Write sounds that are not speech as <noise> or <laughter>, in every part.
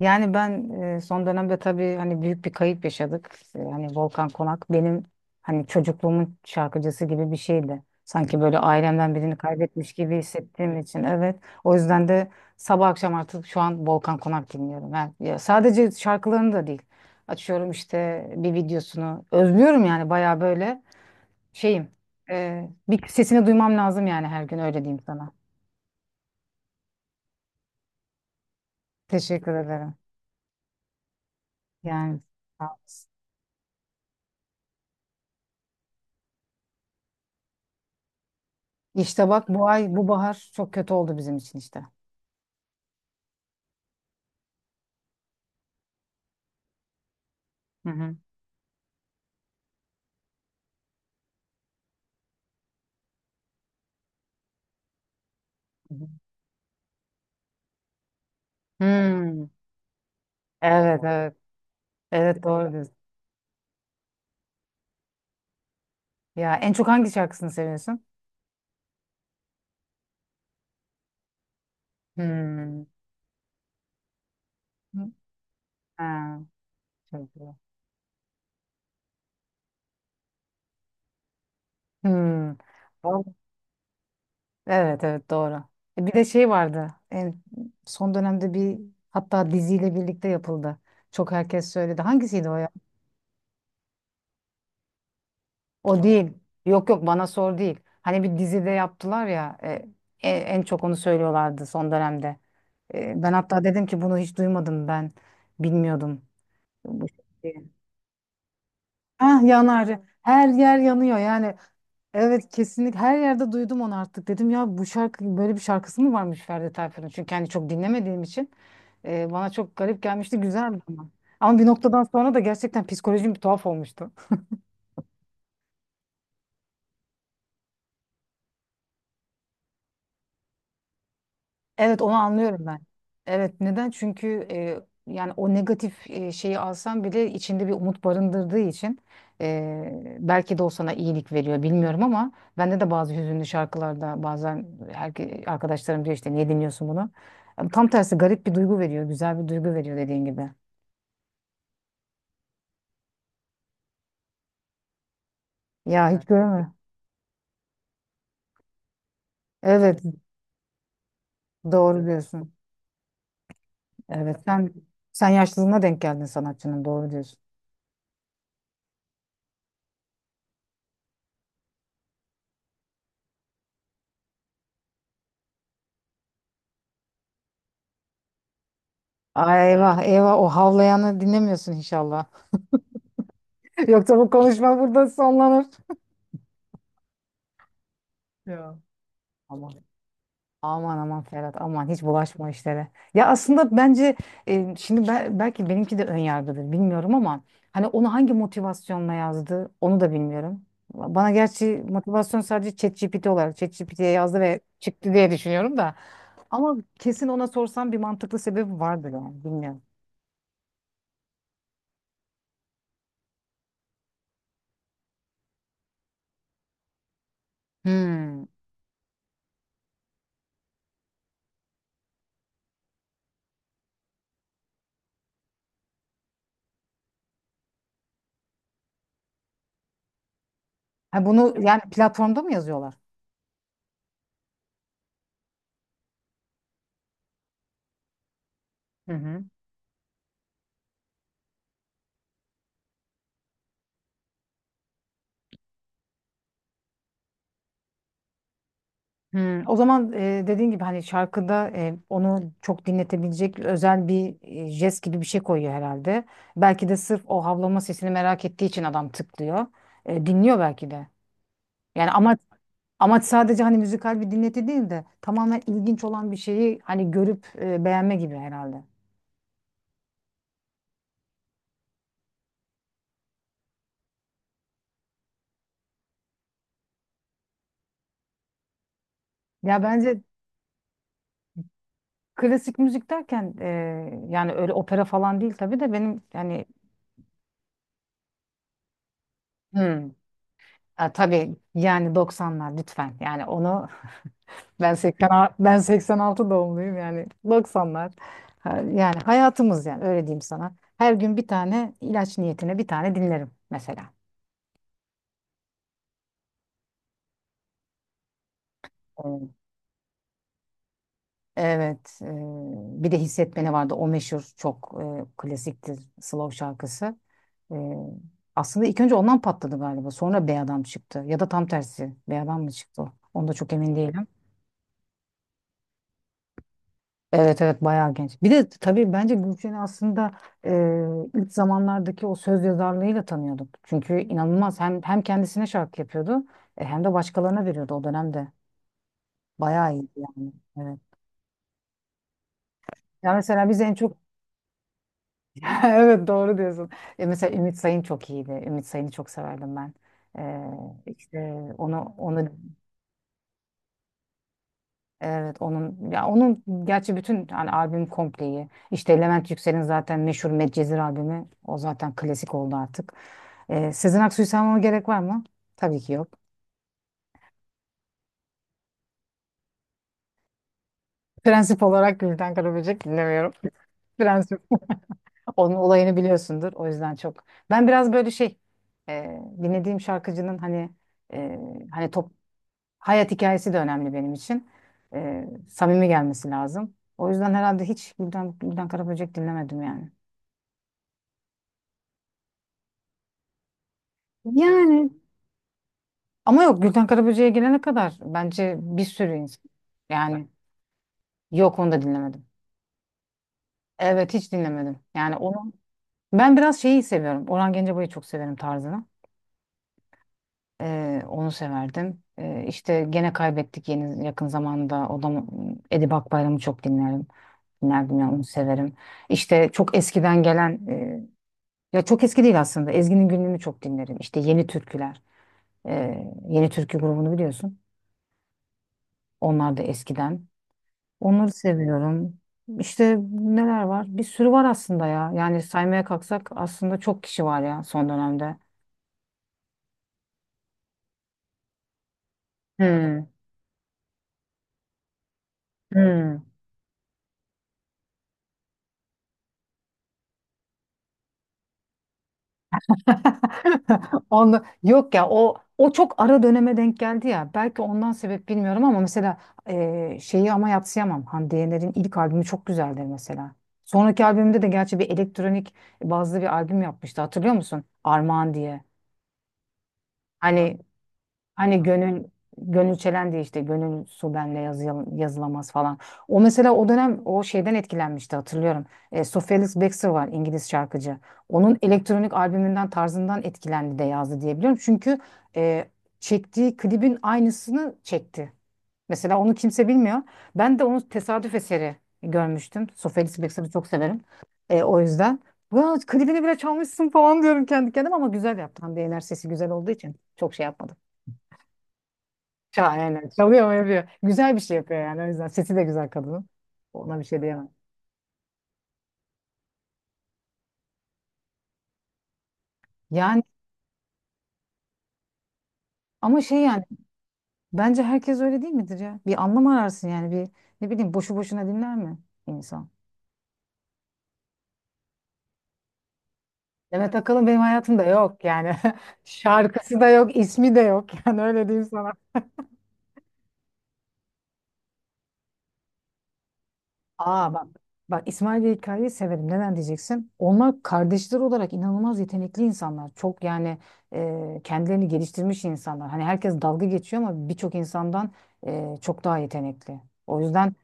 Yani ben son dönemde tabii hani büyük bir kayıp yaşadık. Hani Volkan Konak benim hani çocukluğumun şarkıcısı gibi bir şeydi. Sanki böyle ailemden birini kaybetmiş gibi hissettiğim için evet. O yüzden de sabah akşam artık şu an Volkan Konak dinliyorum. Yani ya sadece şarkılarını da değil. Açıyorum işte bir videosunu. Özlüyorum yani bayağı böyle şeyim. Bir sesini duymam lazım yani her gün öyle diyeyim sana. Teşekkür ederim. Yani sağ ol. İşte bak bu ay bu bahar çok kötü oldu bizim için işte. Hı hı. Hmm. Evet, evet. Evet, doğru diyorsun. Ya en çok hangi şarkısını seviyorsun? Hmm. Ha, çok güzel. Hmm. Vallahi- Evet, evet, doğru. Bir de şey vardı. En son dönemde bir, hatta diziyle birlikte yapıldı. Çok herkes söyledi. Hangisiydi o ya? O değil. Yok, yok, bana sor değil. Hani bir dizide yaptılar ya, en çok onu söylüyorlardı son dönemde. Ben hatta dedim ki bunu hiç duymadım ben. Bilmiyordum. Bu şey Ah, yanar. Her yer yanıyor yani. Evet, kesinlikle her yerde duydum onu artık. Dedim ya, bu şarkı böyle bir şarkısı mı varmış Ferdi Tayfur'un? Çünkü hani çok dinlemediğim için bana çok garip gelmişti. Güzeldi ama. Ama bir noktadan sonra da gerçekten psikolojim bir tuhaf olmuştu. Evet, onu anlıyorum ben. Evet, neden? Çünkü yani o negatif şeyi alsan bile içinde bir umut barındırdığı için belki de o sana iyilik veriyor bilmiyorum ama bende de bazı hüzünlü şarkılarda bazen arkadaşlarım diyor işte, niye dinliyorsun bunu? Yani tam tersi, garip bir duygu veriyor, güzel bir duygu veriyor dediğin gibi. Ya hiç görme. Evet, doğru diyorsun. Evet, sen yaşlılığına denk geldin sanatçının, doğru diyorsun. Ay, eyvah eyvah, o havlayanı dinlemiyorsun inşallah. Yoksa bu konuşma burada sonlanır. Ya. Aman. Aman aman Ferhat, aman hiç bulaşma o işlere. Ya aslında bence şimdi belki benimki de ön yargıdır bilmiyorum ama hani onu hangi motivasyonla yazdı onu da bilmiyorum. Bana gerçi motivasyon sadece ChatGPT olarak ChatGPT'ye yazdı ve çıktı diye düşünüyorum da. Ama kesin ona sorsam bir mantıklı sebebi vardır yani bilmiyorum. Hmm. Ha, bunu yani platformda mı yazıyorlar? Hı hı. O zaman dediğin gibi hani şarkıda onu çok dinletebilecek özel bir jest gibi bir şey koyuyor herhalde. Belki de sırf o havlama sesini merak ettiği için adam tıklıyor. Dinliyor belki de. Yani amaç sadece hani müzikal bir dinleti değil de tamamen ilginç olan bir şeyi hani görüp beğenme gibi herhalde. Ya bence klasik müzik derken yani öyle opera falan değil tabii de benim yani hmm, ha, tabii yani 90'lar lütfen yani onu <laughs> Ben 80, ben 86 doğumluyum yani 90'lar. Ha, Yani hayatımız, yani öyle diyeyim sana. Her gün bir tane ilaç niyetine bir tane dinlerim mesela. Hmm. Evet, bir de Hissetmeni vardı. O meşhur çok klasiktir, slow şarkısı. E, aslında ilk önce ondan patladı galiba. Sonra Bey Adam çıktı. Ya da tam tersi. Bey Adam mı çıktı? Onda çok emin değilim. Evet, evet, bayağı genç. Bir de tabii bence Gülşen'i aslında e, ilk zamanlardaki o söz yazarlığıyla tanıyorduk. Çünkü inanılmaz hem kendisine şarkı yapıyordu hem de başkalarına veriyordu o dönemde. Bayağı iyiydi yani. Evet. Ya mesela biz en çok <laughs> evet, doğru diyorsun. Mesela Ümit Sayın çok iyiydi. Ümit Sayın'ı çok severdim ben. İşte onu evet onun, ya onun gerçi bütün hani albüm kompleyi, işte Levent Yüksel'in zaten meşhur Medcezir albümü, o zaten klasik oldu artık. Sezen Aksu'yu saymama gerek var mı? Tabii ki yok. Prensip olarak Gülden Karaböcek dinlemiyorum. <laughs> Prensip. Onun olayını biliyorsundur, o yüzden çok. Ben biraz böyle şey, dinlediğim şarkıcının hani e, hani hayat hikayesi de önemli benim için. Samimi gelmesi lazım. O yüzden herhalde hiç Gülden Karaböcek dinlemedim yani. Yani ama yok, Gülten Karaböcek'e gelene kadar bence bir sürü insan. Yani yok, onu da dinlemedim. Evet, hiç dinlemedim. Yani onu ben biraz şeyi seviyorum. Orhan Gencebay'ı çok severim, tarzını. Onu severdim. İşte gene kaybettik yeni yakın zamanda. O da Edip Akbayram'ı çok dinlerim. Dinlerdim ya, onu severim. İşte çok eskiden gelen ya çok eski değil aslında. Ezgi'nin Günlüğü'nü çok dinlerim. İşte Yeni Türküler. Ee, Yeni Türkü grubunu biliyorsun. Onlar da eskiden. Onları seviyorum. İşte neler var? Bir sürü var aslında ya. Yani saymaya kalksak aslında çok kişi var ya son dönemde. Hmm, hmm. <laughs> Onu, yok ya, o çok ara döneme denk geldi ya. Belki ondan sebep bilmiyorum ama mesela şeyi ama yadsıyamam. Hande Yener'in ilk albümü çok güzeldir mesela. Sonraki albümde de gerçi bir elektronik bazlı bir albüm yapmıştı. Hatırlıyor musun? Armağan diye. Hani Hani gönül çelen diye, işte gönül su benle yazılamaz falan. O mesela o dönem o şeyden etkilenmişti hatırlıyorum. Sofia Lis Baxter var, İngiliz şarkıcı. Onun elektronik albümünden, tarzından etkilendi de yazdı diyebiliyorum. Çünkü e, çektiği klibin aynısını çekti. Mesela onu kimse bilmiyor. Ben de onu tesadüf eseri görmüştüm. Sofia Ellis Baxter'ı çok severim. O yüzden. Ya klibini bile çalmışsın falan diyorum kendi kendime ama güzel yaptı. Hande Yener sesi güzel olduğu için çok şey yapmadım. Aynen. Çalıyor mu, yapıyor. Güzel bir şey yapıyor yani. O yüzden sesi de güzel kadının. Ona bir şey diyemem. Yani ama şey, yani bence herkes öyle değil midir ya? Bir anlam ararsın yani, bir ne bileyim boşu boşuna dinler mi insan? Demet Akalın benim hayatımda yok yani. <laughs> Şarkısı da yok, ismi de yok. <laughs> Yani öyle diyeyim sana. Aa, bak. Bak, İsmail ve İlkay'ı severim. Neden diyeceksin? Onlar kardeşler olarak inanılmaz yetenekli insanlar. Çok yani kendilerini geliştirmiş insanlar. Hani herkes dalga geçiyor ama birçok insandan çok daha yetenekli. O yüzden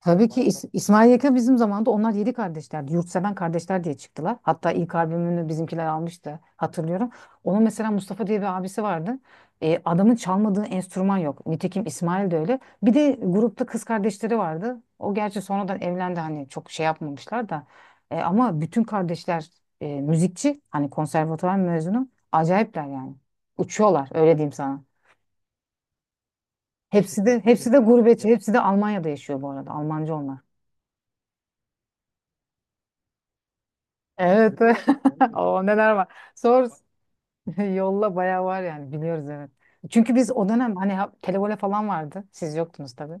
tabii ki İsmail Yeka, bizim zamanda onlar yedi kardeşlerdi. Yurtseven kardeşler diye çıktılar. Hatta ilk albümünü bizimkiler almıştı hatırlıyorum. Onun mesela Mustafa diye bir abisi vardı. Adamın çalmadığı enstrüman yok. Nitekim İsmail de öyle. Bir de grupta kız kardeşleri vardı. O gerçi sonradan evlendi, hani çok şey yapmamışlar da. Ama bütün kardeşler müzikçi. Hani konservatuvar mezunu. Acayipler yani. Uçuyorlar, öyle diyeyim sana. Hepsi de hepsi de gurbetçi. Hepsi de Almanya'da yaşıyor bu arada. Almanca onlar. Evet. <laughs> O, neler var. Sor. <laughs> Yolla, bayağı var yani, biliyoruz, evet. Çünkü biz o dönem hani televole falan vardı. Siz yoktunuz tabii.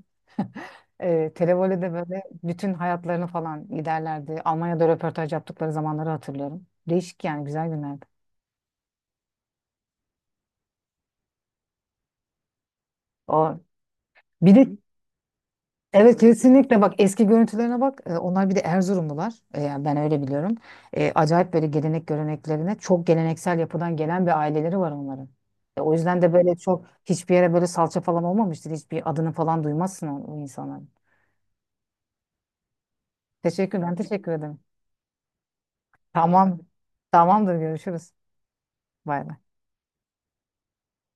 Televole'de böyle bütün hayatlarını falan giderlerdi. Almanya'da röportaj yaptıkları zamanları hatırlıyorum. Değişik yani, güzel günlerdi. O bir de Evet, kesinlikle bak eski görüntülerine bak. Onlar bir de Erzurumlular. Yani ben öyle biliyorum. Acayip böyle gelenek göreneklerine, çok geleneksel yapıdan gelen bir aileleri var onların. O yüzden de böyle çok hiçbir yere böyle salça falan olmamıştır, hiçbir adını falan duymazsın o insanların. Ben teşekkür ederim. Tamam, tamamdır, görüşürüz. Bay bay.